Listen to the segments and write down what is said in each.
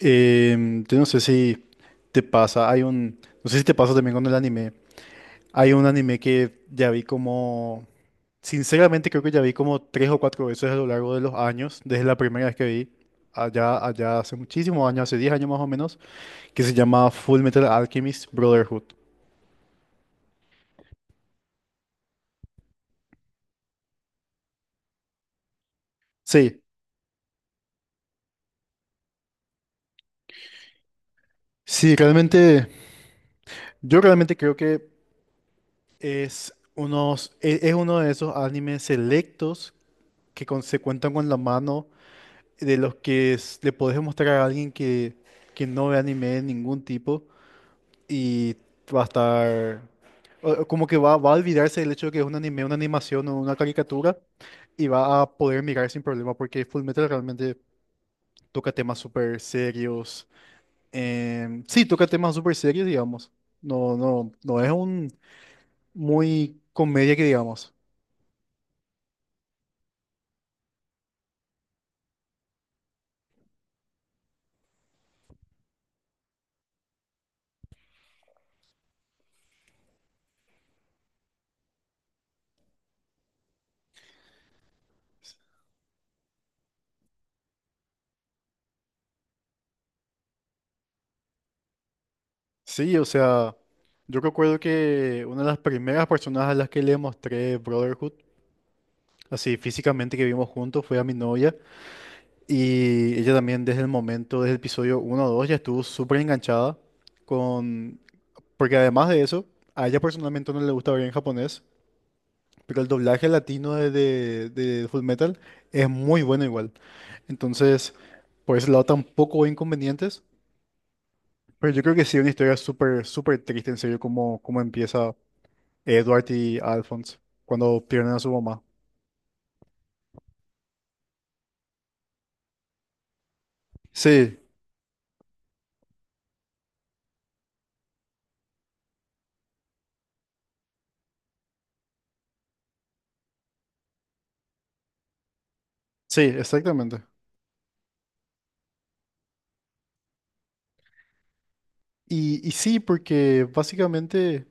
Yo no sé si te pasa, no sé si te pasa también con el anime. Hay un anime que ya vi como, sinceramente creo que ya vi como tres o cuatro veces a lo largo de los años, desde la primera vez que vi, allá hace muchísimos años, hace 10 años más o menos, que se llama Full Metal Alchemist Brotherhood. Sí, sí, realmente, yo realmente creo que es uno de esos animes selectos que se cuentan con la mano de los que le podés mostrar a alguien que no ve anime de ningún tipo y va a estar... o Como que va, va a olvidarse del hecho de que es un anime, una animación o una caricatura y va a poder mirar sin problema porque Fullmetal realmente toca temas súper serios. Sí, toca temas súper serios, digamos. No, no, no es un muy comedia que digamos. Sí, o sea, yo recuerdo que una de las primeras personas a las que le mostré Brotherhood así físicamente que vimos juntos fue a mi novia y ella también desde el momento, desde el episodio uno o 2 ya estuvo súper enganchada con... Porque además de eso, a ella personalmente no le gusta ver en japonés, pero el doblaje latino de Fullmetal es muy bueno igual. Entonces, por ese lado tampoco hubo inconvenientes, pero yo creo que sí una historia súper, súper triste en serio como, como empieza Edward y Alphonse cuando pierden a su mamá. Sí, sí, exactamente. Y sí, porque básicamente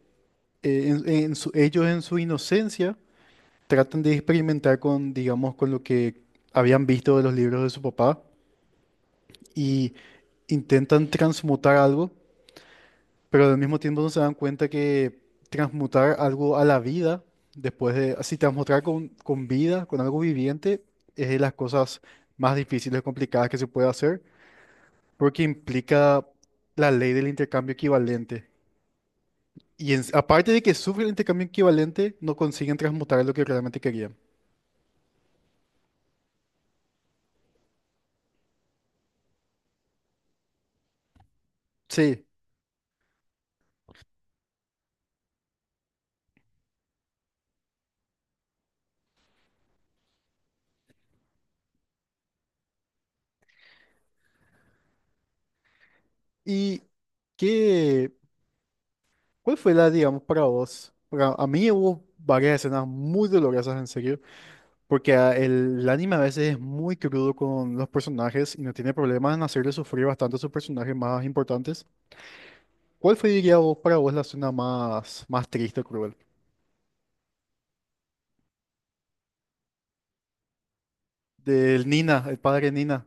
ellos en su inocencia tratan de experimentar con, digamos, con lo que habían visto de los libros de su papá y intentan transmutar algo, pero al mismo tiempo no se dan cuenta que transmutar algo a la vida, después de, así transmutar con vida, con algo viviente, es de las cosas más difíciles, complicadas que se puede hacer, porque implica la ley del intercambio equivalente. Aparte de que sufren intercambio equivalente, no consiguen transmutar lo que realmente querían. Sí. ¿Y qué? ¿Cuál fue la, digamos, para vos? A mí hubo varias escenas muy dolorosas, en serio, porque el anime a veces es muy crudo con los personajes y no tiene problemas en hacerle sufrir bastante a sus personajes más importantes. ¿Cuál fue, diría vos, para vos la escena más, más triste o cruel? Del Nina, el padre Nina.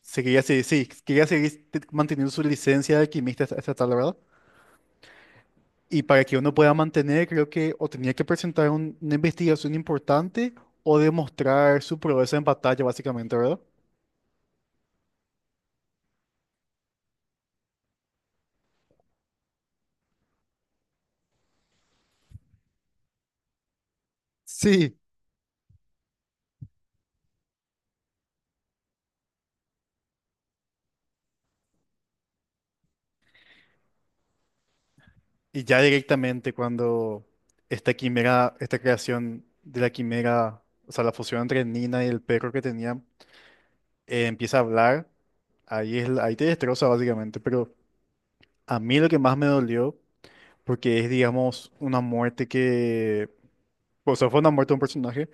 Se quería, sí, quería seguir manteniendo su licencia de alquimista hasta hasta tal, ¿verdad? Y para que uno pueda mantener, creo que o tenía que presentar una investigación importante o demostrar su proeza en batalla, básicamente, ¿verdad? Sí. Y ya directamente cuando esta quimera, esta creación de la quimera, o sea, la fusión entre Nina y el perro que tenía, empieza a hablar, ahí es, ahí te destroza básicamente. Pero a mí lo que más me dolió, porque es, digamos, una muerte que, o sea, fue una muerte de un personaje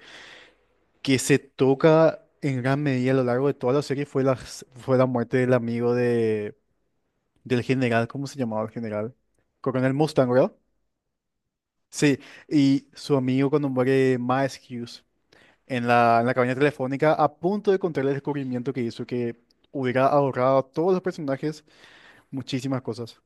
que se toca en gran medida a lo largo de toda la serie fue fue la muerte del amigo de, del general. ¿Cómo se llamaba el general? Coronel Mustang, ¿verdad? Sí, y su amigo cuando muere Miles Hughes en en la cabina telefónica a punto de encontrar el descubrimiento que hizo que hubiera ahorrado a todos los personajes muchísimas cosas.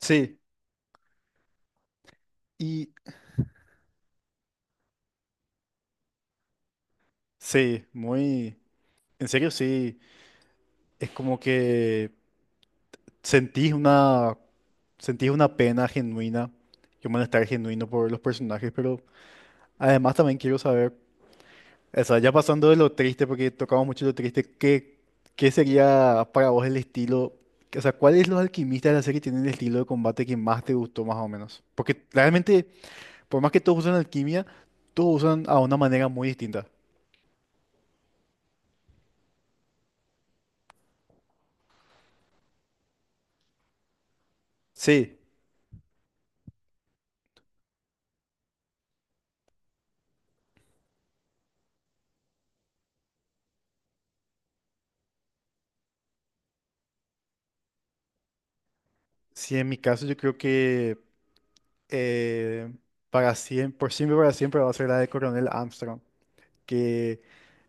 Sí, y sí, muy, en serio sí, es como que... Sentís una, sentís una pena genuina y un malestar genuino por los personajes, pero además también quiero saber, o sea, ya pasando de lo triste, porque tocamos mucho lo triste, ¿qué, qué sería para vos el estilo? O sea, ¿cuáles los alquimistas de la serie tienen el estilo de combate que más te gustó, más o menos? Porque realmente, por más que todos usan alquimia, todos usan a una manera muy distinta. Sí, sí, en mi caso yo creo que eh, para siempre, por siempre, para siempre va a ser la de Coronel Armstrong. Que,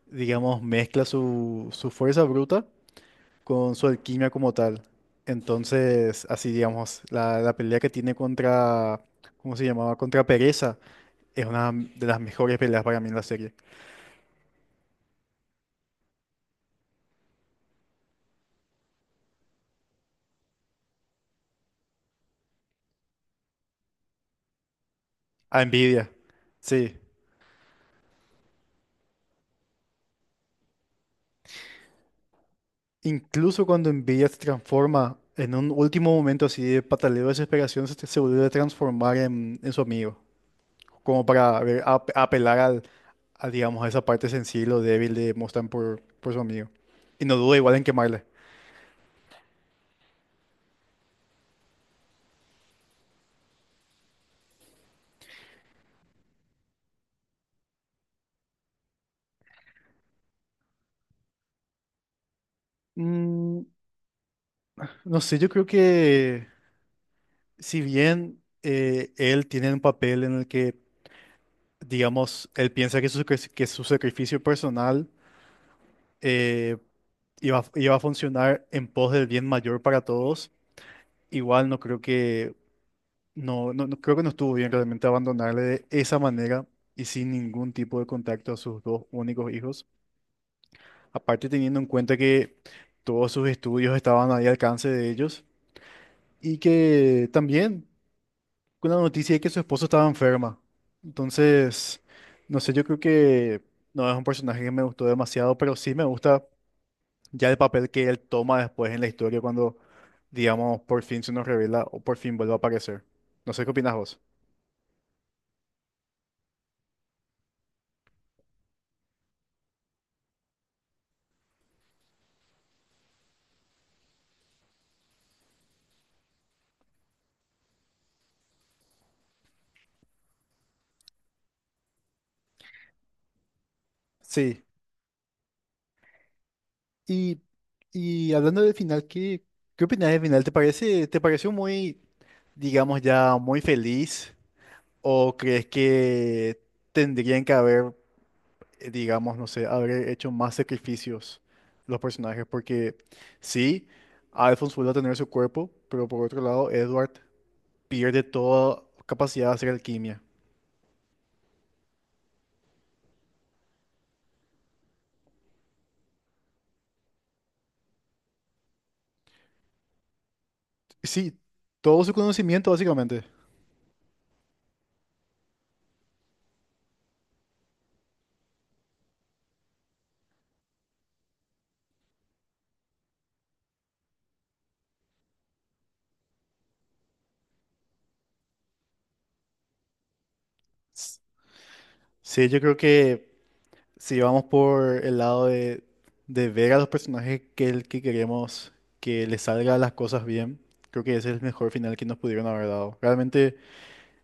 digamos, mezcla su, su fuerza bruta con su alquimia como tal. Entonces, así, digamos, la pelea que tiene contra, ¿cómo se llamaba? Contra Pereza es una de las mejores peleas para mí en la serie. A Envidia, sí. Incluso cuando Envidia se transforma en un último momento así de pataleo de desesperación, se vuelve a transformar en su amigo. Como para a ver, apelar al, a, digamos, a esa parte sensible o débil de Mustang por su amigo. Y no duda igual en quemarle. Mm, no sé, yo creo que si bien él tiene un papel en el que, digamos, él piensa que que su sacrificio personal, eh, iba, iba a funcionar en pos del bien mayor para todos, igual no creo que no, no, creo que no estuvo bien realmente abandonarle de esa manera y sin ningún tipo de contacto a sus dos únicos hijos. Aparte teniendo en cuenta que todos sus estudios estaban ahí al alcance de ellos y que también con la noticia de que su esposo estaba enferma. Entonces, no sé, yo creo que no es un personaje que me gustó demasiado, pero sí me gusta ya el papel que él toma después en la historia cuando, digamos, por fin se nos revela o por fin vuelve a aparecer. No sé qué opinas vos. Sí. Y, y hablando del final, ¿qué, qué opinas del final? ¿Te parece, te pareció muy, digamos, ya muy feliz? ¿O crees que tendrían que haber, digamos, no sé, haber hecho más sacrificios los personajes? Porque sí, Alphonse vuelve a tener su cuerpo, pero por otro lado, Edward pierde toda capacidad de hacer alquimia. Sí, todo su conocimiento, básicamente. S- Sí, yo creo que si vamos por el lado de ver a los personajes que, el que queremos que les salga las cosas bien, creo que ese es el mejor final que nos pudieron haber dado. Realmente.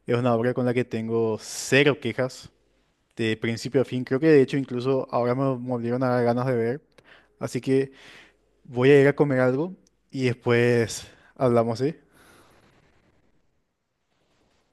Es una obra con la que tengo cero quejas, de principio a fin. Creo que de hecho incluso ahora me volvieron a dar ganas de ver. Así que voy a ir a comer algo y después hablamos, ¿sí?